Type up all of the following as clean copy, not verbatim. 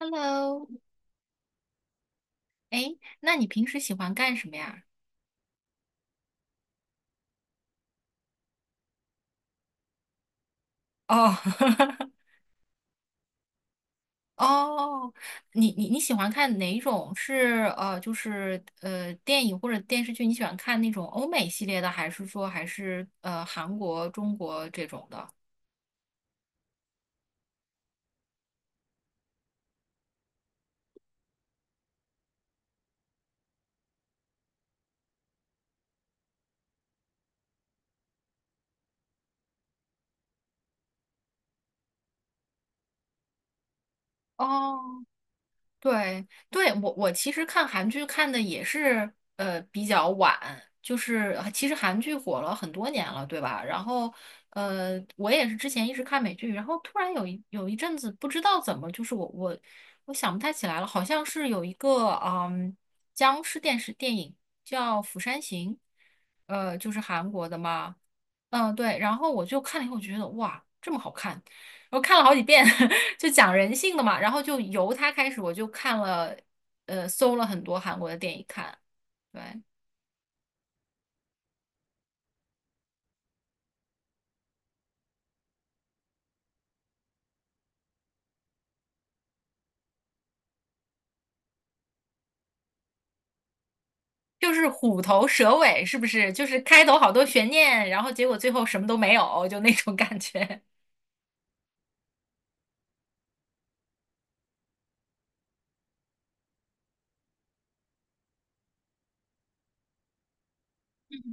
Hello，那你平时喜欢干什么呀？哦，哦，你喜欢看哪一种？是就是电影或者电视剧？你喜欢看那种欧美系列的，还是说还是呃韩国、中国这种的？哦对对，我其实看韩剧看的也是比较晚，就是其实韩剧火了很多年了，对吧？然后我也是之前一直看美剧，然后突然有一阵子不知道怎么，就是我想不太起来了，好像是有一个僵尸电视电影叫《釜山行》，就是韩国的嘛。嗯，对，然后我就看了以后，我觉得哇，这么好看，我看了好几遍，就讲人性的嘛，然后就由他开始，我就看了，搜了很多韩国的电影看，对，就是虎头蛇尾，是不是？就是开头好多悬念，然后结果最后什么都没有，就那种感觉。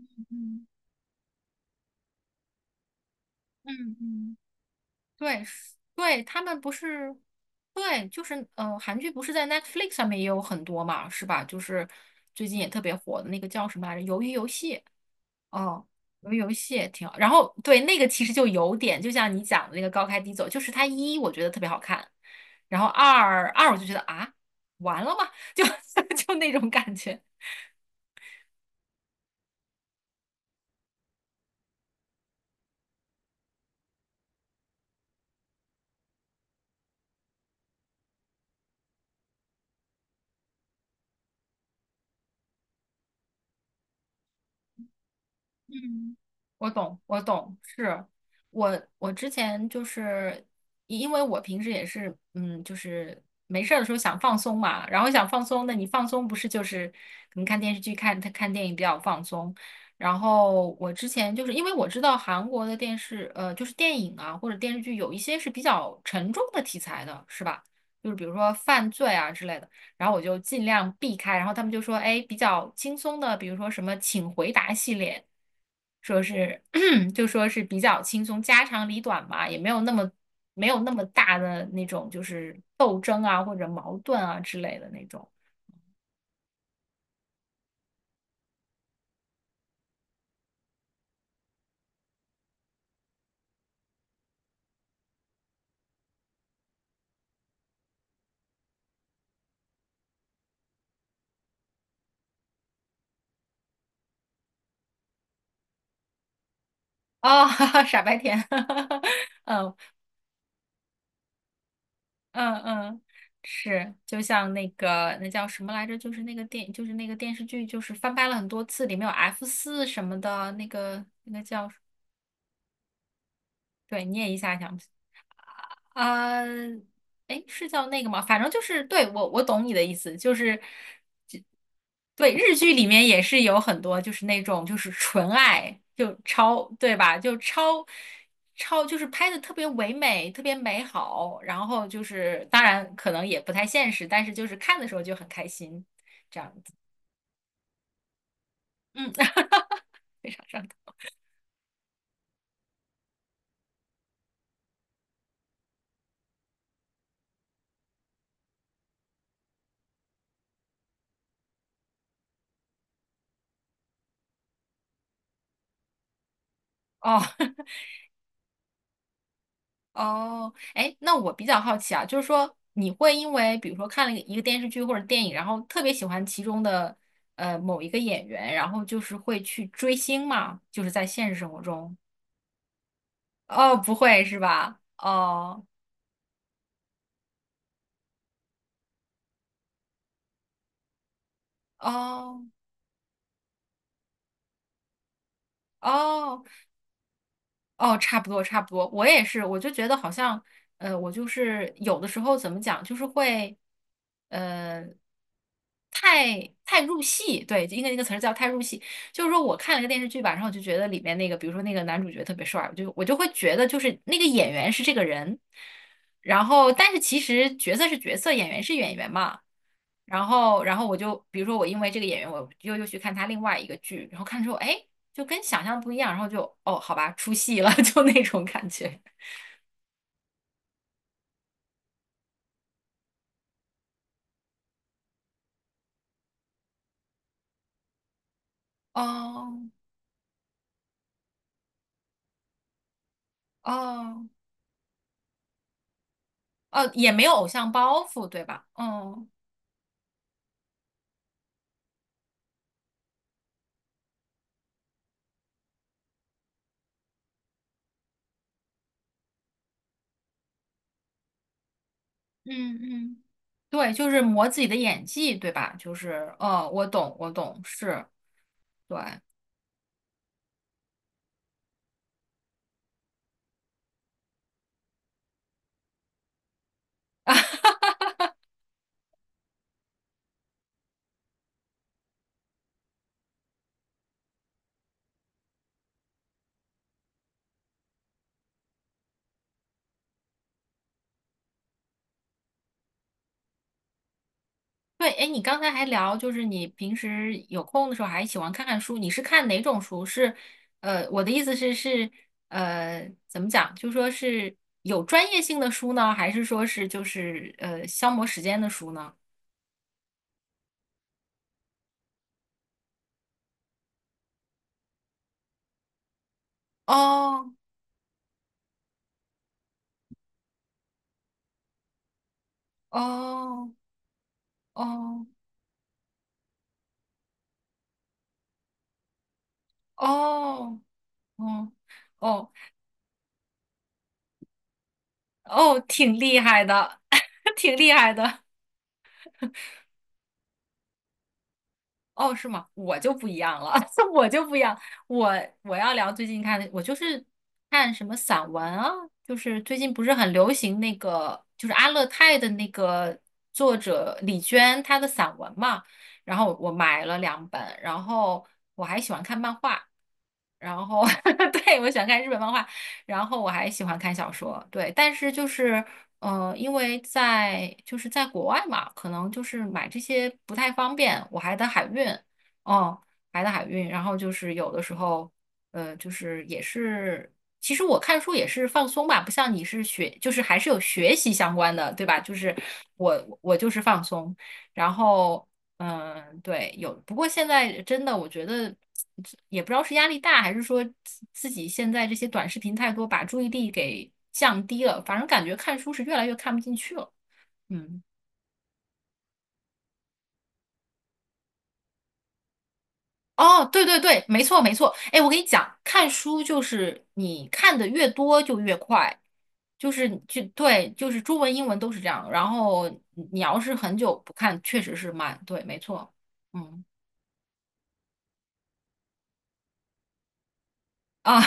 嗯嗯嗯，对，是对，他们不是，对，就是韩剧不是在 Netflix 上面也有很多嘛，是吧？就是最近也特别火的那个叫什么来着，《鱿鱼游戏》。哦，玩游戏也挺好。然后对那个其实就有点，就像你讲的那个高开低走，就是我觉得特别好看，然后二我就觉得啊，完了吗？就 就那种感觉。嗯，我懂，我懂，是我之前就是因为我平时也是，就是没事儿的时候想放松嘛，然后想放松，那你放松不是就是可能看电视剧、看看电影比较放松。然后我之前就是因为我知道韩国的电视，就是电影啊或者电视剧有一些是比较沉重的题材的，是吧？就是比如说犯罪啊之类的。然后我就尽量避开。然后他们就说，哎，比较轻松的，比如说什么请回答系列，说是 就说是比较轻松，家长里短嘛，也没有那么没有那么大的那种就是斗争啊或者矛盾啊之类的那种。哦，傻白甜，嗯嗯嗯，是，就像那个那叫什么来着，就是那个电视剧，就是翻拍了很多次，里面有 F 四什么的，那个叫，对，你也一下想不啊，哎，是叫那个吗？反正就是，对，我懂你的意思，就是，对，日剧里面也是有很多就是那种就是纯爱，就超，对吧？就超就是拍的特别唯美，特别美好，然后就是当然可能也不太现实，但是就是看的时候就很开心，这样，嗯，非常上头哦。哦，哎，那我比较好奇啊，就是说你会因为比如说看了一个电视剧或者电影，然后特别喜欢其中的某一个演员，然后就是会去追星吗？就是在现实生活中？哦，不会是吧？哦哦哦哦，差不多，差不多，我也是，我就觉得好像，我就是有的时候怎么讲，就是会，呃，太入戏，对，应该那个词儿叫太入戏，就是说我看了个电视剧吧，然后我就觉得里面那个，比如说那个男主角特别帅，我就会觉得就是那个演员是这个人，然后但是其实角色是角色，演员是演员嘛，然后我就比如说我因为这个演员，我又去看他另外一个剧，然后看之后，哎，就跟想象不一样，然后就哦，好吧，出戏了，就那种感觉。哦哦哦，也没有偶像包袱，对吧？哦，嗯嗯，对，就是磨自己的演技，对吧？就是，嗯，我懂，我懂，是，对。对，哎，你刚才还聊，就是你平时有空的时候还喜欢看看书，你是看哪种书？是，我的意思是，怎么讲？就说是有专业性的书呢，还是说是就是消磨时间的书呢？哦哦哦哦哦哦哦，挺厉害的，挺厉害的。哦，是吗？我就不一样了，我就不一样。我我要聊最近看的，我就是看什么散文啊，就是最近不是很流行那个，就是阿勒泰的那个作者李娟她的散文嘛。然后我买了两本，然后我还喜欢看漫画，然后 对，我喜欢看日本漫画，然后我还喜欢看小说，对。但是就是因为就是在国外嘛，可能就是买这些不太方便，我还得海运，哦，还得海运，然后就是有的时候，就是也是，其实我看书也是放松吧，不像你是学，就是还是有学习相关的，对吧？就是我就是放松，然后嗯，对，有。不过现在真的，我觉得也不知道是压力大，还是说自己现在这些短视频太多，把注意力给降低了。反正感觉看书是越来越看不进去了。嗯，哦，对对对，没错没错。哎，我跟你讲，看书就是你看的越多就越快，就是就对，就是中文英文都是这样。然后你要是很久不看，确实是慢。对，没错。嗯啊。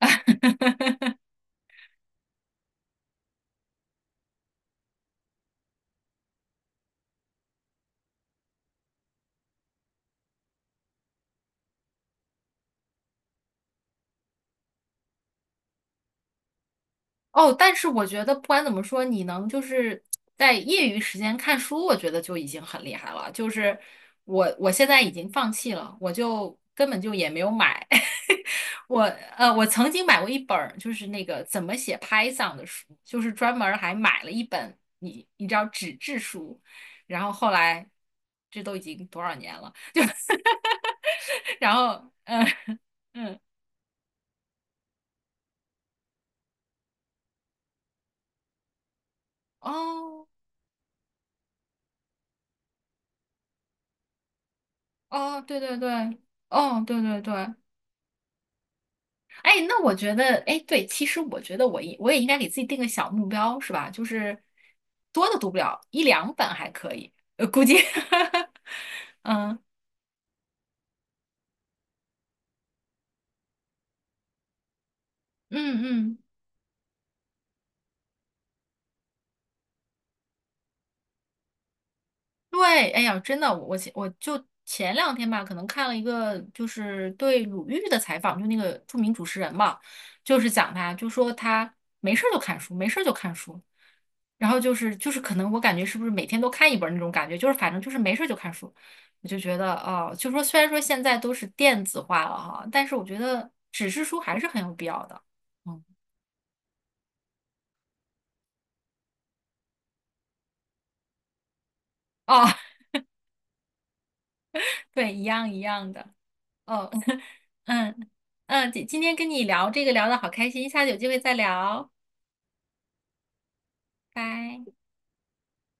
哦，但是我觉得不管怎么说，你能就是在业余时间看书，我觉得就已经很厉害了。就是我现在已经放弃了，我就根本就也没有买。我我曾经买过一本儿，就是那个怎么写 Python 的书，就是专门儿还买了一本，你知道纸质书，然后后来这都已经多少年了，就 然后嗯嗯哦哦对对对哦对对对。哎，那我觉得，哎，对，其实我觉得我也应该给自己定个小目标，是吧？就是多的读不了，一两本还可以，估计，嗯嗯嗯。对，哎呀，真的，我就前两天吧，可能看了一个就是对鲁豫的采访，就那个著名主持人嘛，就是讲他，就说他没事儿就看书，没事儿就看书，然后就是可能我感觉是不是每天都看一本儿那种感觉，就是反正就是没事儿就看书，我就觉得哦，就说虽然说现在都是电子化了哈，但是我觉得纸质书还是很有必要的。嗯，哦，对，一样一样的。哦，嗯嗯，今天跟你聊这个聊的好开心，下次有机会再聊，拜。